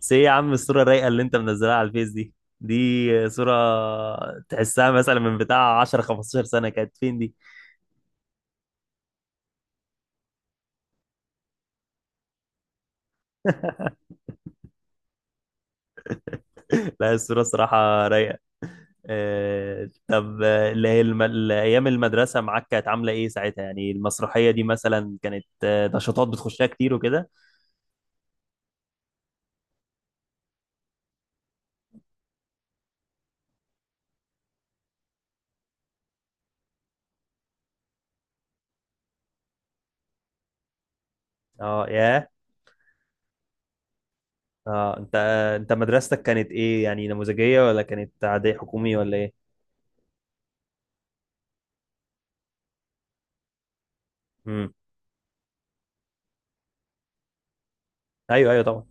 بس ايه يا عم، الصورة الرايقة اللي انت منزلها على الفيس دي، دي صورة تحسها مثلا من بتاع 10 15 سنة. كانت فين دي؟ لا، الصورة صراحة رايقة. طب اللي هي الأيام المدرسة معاك كانت عاملة إيه ساعتها؟ يعني المسرحية دي مثلا كانت نشاطات بتخشها كتير وكده؟ أه، ياه. أه، أنت مدرستك كانت إيه؟ يعني نموذجية ولا كانت عادية، حكومي ولا إيه؟ امم. أيوه، أيوه، طبعا.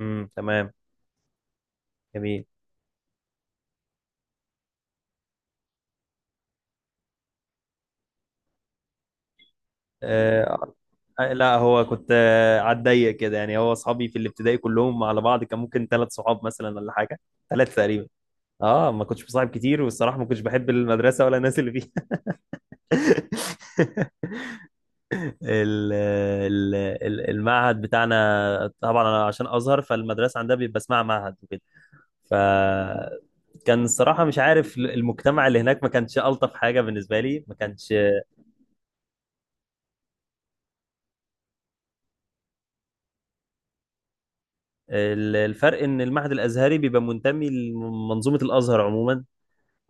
امم، تمام. جميل. اه. لا، هو كنت على الضيق كده، يعني هو اصحابي في الابتدائي كلهم على بعض كان ممكن ثلاث صحاب مثلا ولا حاجه. ثلاث تقريبا. اه، ما كنتش بصاحب كتير، والصراحه ما كنتش بحب المدرسه ولا الناس اللي فيها. ال- ال- المعهد بتاعنا، طبعا انا عشان ازهر، فالمدرسه عندها بيبقى اسمها معهد وكده. ف كان الصراحه مش عارف، المجتمع اللي هناك ما كانش الطف حاجه بالنسبه لي، ما كانش. الفرق ان المعهد الازهري بيبقى منتمي لمنظومه الازهر عموما،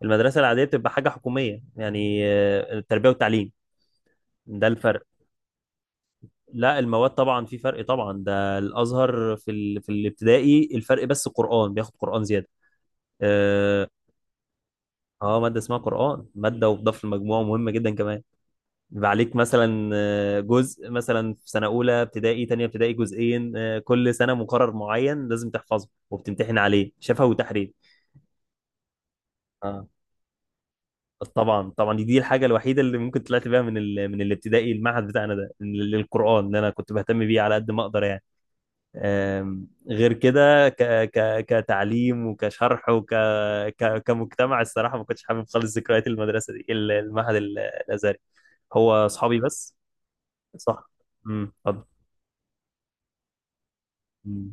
المدرسة العادية بتبقى حاجة حكومية يعني التربية والتعليم. ده الفرق. لا، المواد طبعا في فرق طبعا. ده الأزهر في الابتدائي الفرق بس قرآن، بياخد قرآن زيادة. اه. مادة اسمها قرآن، مادة وتضاف للمجموع، مهمة جدا كمان. بيبقى عليك مثلا جزء مثلا في سنة أولى ابتدائي، تانية ابتدائي جزئين. كل سنة مقرر معين لازم تحفظه وبتمتحن عليه شفوي وتحرير. طبعا، طبعا. دي الحاجه الوحيده اللي ممكن طلعت بيها من الابتدائي المعهد بتاعنا ده، القران، ان انا كنت بهتم بيه على قد ما اقدر يعني. غير كده، كتعليم وكشرح، كمجتمع، الصراحه ما كنتش حابب خالص ذكريات المدرسه دي، المعهد الازهري. هو اصحابي بس. صح. امم. اتفضل.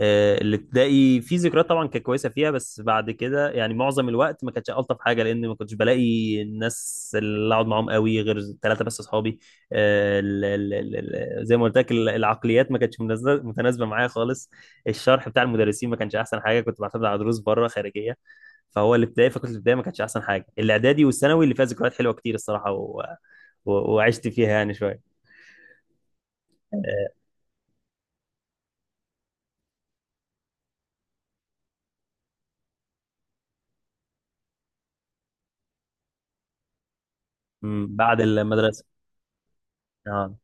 الابتدائي في ذكريات طبعا كانت كويسه فيها، بس بعد كده يعني معظم الوقت ما كانتش الطف حاجه، لان ما كنتش بلاقي الناس اللي اقعد معاهم قوي غير ثلاثه بس اصحابي. زي ما قلت لك، العقليات ما كانتش متناسبه معايا خالص. الشرح بتاع المدرسين ما كانش احسن حاجه، كنت بعتمد على دروس بره خارجيه. فهو الابتدائي فكنت الابتدائي ما كانتش احسن حاجه. الاعدادي والثانوي اللي فيها ذكريات حلوه كتير الصراحه، وعشت فيها يعني شويه. آه، مم، بعد المدرسه. اه.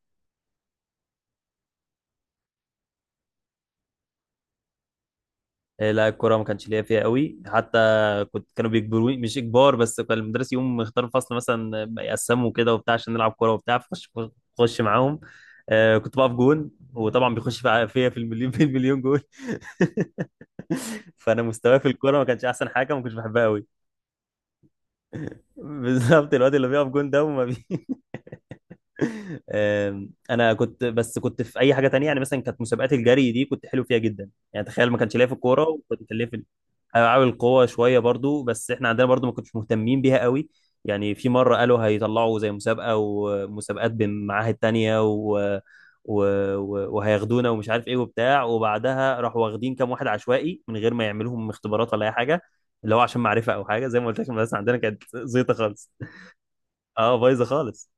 لا، الكرة ما كانش ليا فيها قوي حتى. كنت، كانوا بيجبروني، مش إجبار، بس كان المدرس يوم يختار الفصل مثلا، يقسموا كده وبتاع عشان نلعب كورة وبتاع، خش معاهم. كنت بقف جون، وطبعا بيخش فيا، في المليون، في المليون جون. فأنا مستواي في الكورة ما كانش أحسن حاجة، ما كنتش بحبها قوي. بالظبط، الواد اللي بيقف جون ده، وما بي انا كنت، بس كنت في اي حاجه تانية، يعني مثلا كانت مسابقات الجري دي، كنت حلو فيها جدا يعني. تخيل! ما كانش ليا في الكوره، وكنت كان ليا في العاب القوه شويه برضو، بس احنا عندنا برضو ما كنتش مهتمين بيها قوي. يعني في مره قالوا هيطلعوا زي مسابقه، ومسابقات بمعاهد تانية و... وهياخدونا ومش عارف ايه وبتاع، وبعدها راحوا واخدين كام واحد عشوائي من غير ما يعملوهم اختبارات ولا اي حاجه، اللي هو عشان معرفه او حاجه. زي ما قلت لك، المدرسه عندنا كانت زيطه خالص. اه، بايظه خالص.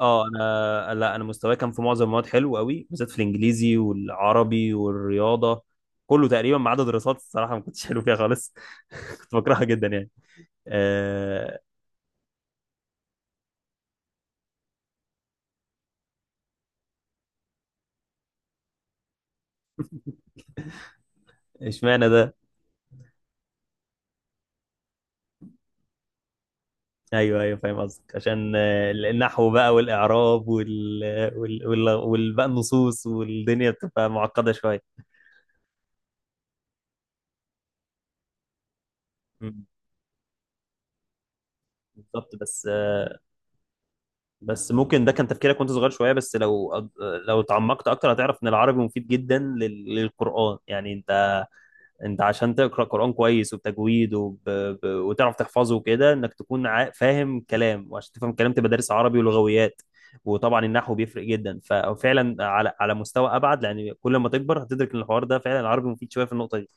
اه. انا، لا، انا مستواي كان في معظم المواد حلو قوي، بالذات في الانجليزي والعربي والرياضه، كله تقريبا، ما عدا دراسات، الصراحه ما كنتش حلو فيها خالص. كنت بكرهها جدا يعني. آه، اشمعنى ده؟ ايوه، ايوه، فاهم قصدك. عشان النحو بقى والاعراب بقى النصوص، والدنيا بتبقى معقده شويه. مم. بالظبط. بس بس ممكن ده كان تفكيرك وانت صغير شويه، بس لو لو تعمقت اكتر هتعرف ان العربي مفيد جدا للقران يعني. انت عشان تقرا قران كويس وبتجويد، وتعرف تحفظه وكده، انك تكون فاهم كلام، وعشان تفهم كلام تبقى دارس عربي ولغويات. وطبعا النحو بيفرق جدا. ففعلا على مستوى ابعد، لان كل ما تكبر هتدرك ان الحوار ده فعلا العربي مفيد شويه في النقطه دي.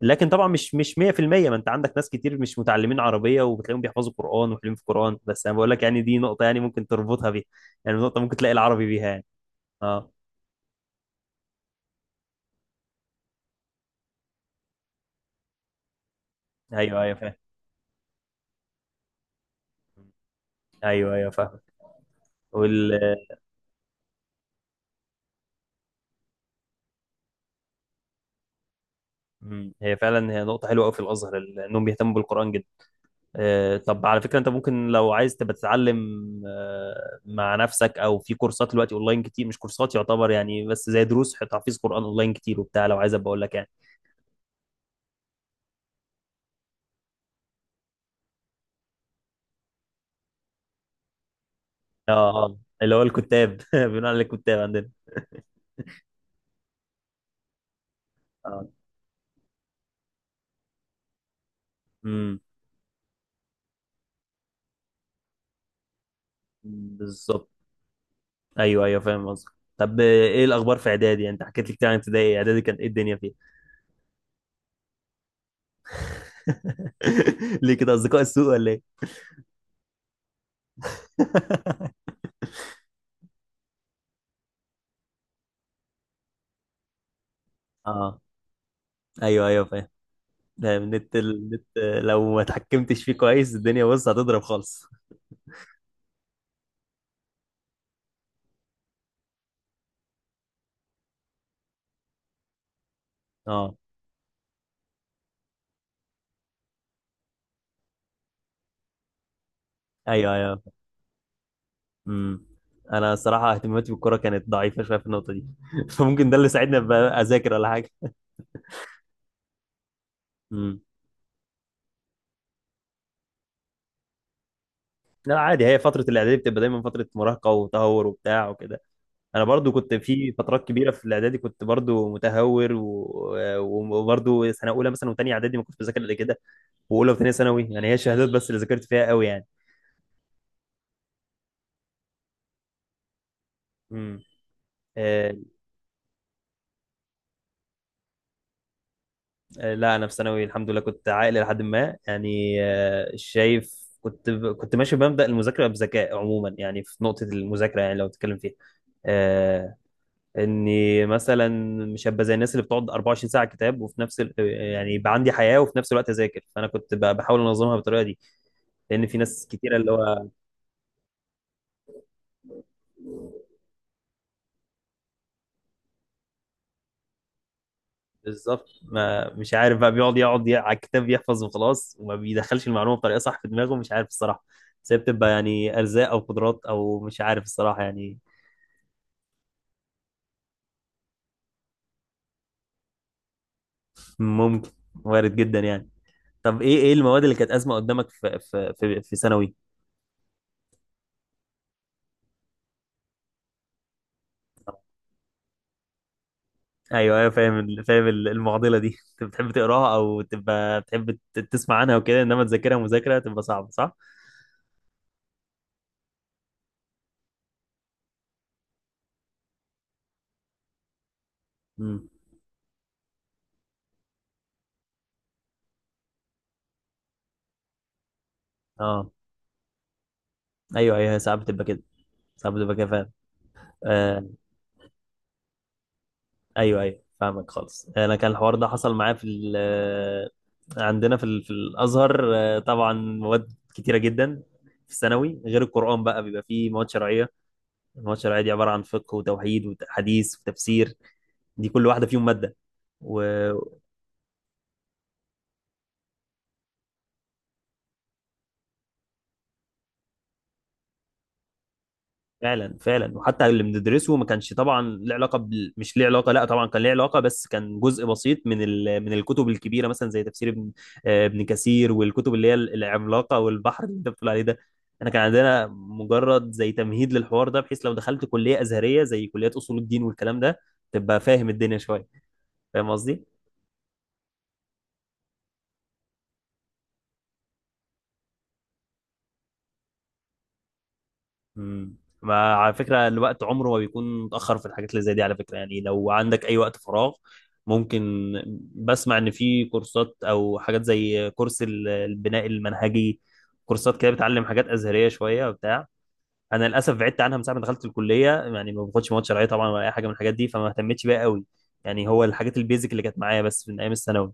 لكن طبعا مش 100%. ما انت عندك ناس كتير مش متعلمين عربيه وبتلاقيهم بيحفظوا قران وحلوين في قران، بس انا بقول لك يعني دي نقطه يعني ممكن تربطها بيها، يعني نقطه ممكن تلاقي العربي بيها يعني. اه، ايوه، ايوه، فاهم. ايوه، ايوه، فاهم. مم. هي فعلا هي نقطة حلوة أوي في الأزهر، إنهم بيهتموا بالقرآن جدا. طب على فكرة، أنت ممكن لو عايز تبقى تتعلم مع نفسك أو في كورسات دلوقتي أونلاين كتير، مش كورسات يعتبر يعني، بس زي دروس تحفيظ قرآن أونلاين كتير وبتاع، لو عايز أبقى أقول لك يعني. أه. أه، اللي هو الكتاب، بنقول عليه الكتاب عندنا. أه. امم. بالظبط. أيوه، أيوه، فاهم قصدك. طب إيه الأخبار في إعدادي؟ أنت حكيت لي كتير عن ابتدائي، إعدادي كانت إيه الدنيا فيها؟ ليه كده؟ أصدقاء السوء ولا إيه؟ أه، أيوه، أيوه، فاهم. ده النت، النت لو ما اتحكمتش فيه كويس الدنيا بص هتضرب خالص. اه، ايوه، ايوه. امم. انا صراحه اهتماماتي بالكوره كانت ضعيفه شويه في النقطه دي. فممكن ده اللي ساعدني ابقى اذاكر ولا حاجه. امم. لا، عادي. هي فتره الاعدادي بتبقى دايما فتره مراهقه وتهور وبتاع وكده. انا برضو كنت في فترات كبيره في الاعدادي، كنت برضو متهور وبرضو سنه اولى مثلا وثانيه اعدادي ما كنتش بذاكر الا كده. واولى وثانيه ثانوي، يعني هي الشهادات بس اللي ذاكرت فيها قوي يعني. امم. لا، انا في ثانوي الحمد لله كنت عاقل، لحد ما يعني شايف. كنت ماشي بمبدأ المذاكره بذكاء عموما، يعني في نقطه المذاكره، يعني لو تتكلم فيها. آه اني مثلا مش هبقى زي الناس اللي بتقعد 24 ساعه كتاب، وفي نفس يعني يبقى عندي حياه وفي نفس الوقت اذاكر، فانا كنت بحاول انظمها بالطريقه دي، لان في ناس كتيره اللي هو. بالظبط، ما مش عارف بقى، بيقعد يقعد على الكتاب يحفظ وخلاص، وما بيدخلش المعلومه بطريقه صح في دماغه، مش عارف الصراحه. بس هي بتبقى يعني ارزاق او قدرات او مش عارف الصراحه يعني. ممكن. وارد جدا يعني. طب ايه، ايه المواد اللي كانت ازمه قدامك في ثانوي؟ ايوه، ايوه، فاهم فاهم المعضله دي. انت بتحب تقراها او تبقى بتحب تسمع عنها وكده، انما تذاكرها مذاكره تبقى صعبه، صح؟ امم. اه، ايوه، ايوه، ساعات بتبقى كده. ساعات بتبقى كده فاهم. آه، ايوه، ايوه، فاهمك خالص. انا كان الحوار ده حصل معايا في عندنا في في الازهر، طبعا مواد كتيره جدا في الثانوي غير القرآن، بقى بيبقى فيه مواد شرعية. الماتش العادي عبارة عن فقه وتوحيد وحديث وتفسير، دي كل واحدة فيهم مادة. وفعلا. فعلا، وحتى اللي بندرسه ما كانش طبعا له علاقة مش ليه علاقة، لا طبعا كان ليه علاقة، بس كان جزء بسيط من الكتب الكبيرة مثلا زي تفسير ابن، ابن كثير، والكتب اللي هي العملاقة والبحر اللي انت بتقول عليه ده. انا كان عندنا مجرد زي تمهيد للحوار ده، بحيث لو دخلت كلية أزهرية زي كليات أصول الدين والكلام ده، تبقى فاهم الدنيا شوية. فاهم قصدي؟ امم. ما على فكرة الوقت عمره ما بيكون متأخر في الحاجات اللي زي دي، على فكرة. يعني لو عندك أي وقت فراغ، ممكن. بسمع إن في كورسات أو حاجات زي كورس البناء المنهجي، كورسات كده بتعلم حاجات أزهرية شوية وبتاع. أنا للأسف بعدت عنها من ساعة ما دخلت الكلية، يعني ما باخدش مواد شرعية طبعا، ولا أي حاجة من الحاجات دي، فما اهتمتش بيها قوي. يعني هو الحاجات البيزك اللي كانت معايا بس من أيام الثانوي.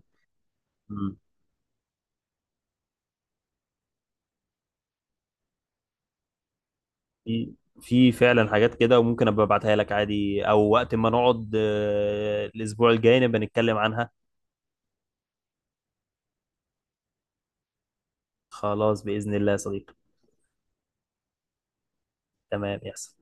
في في فعلا حاجات كده، وممكن ابقى ابعتها لك عادي، او وقت ما نقعد الاسبوع الجاي نبقى نتكلم عنها. خلاص بإذن الله يا صديقي. تمام يحصل.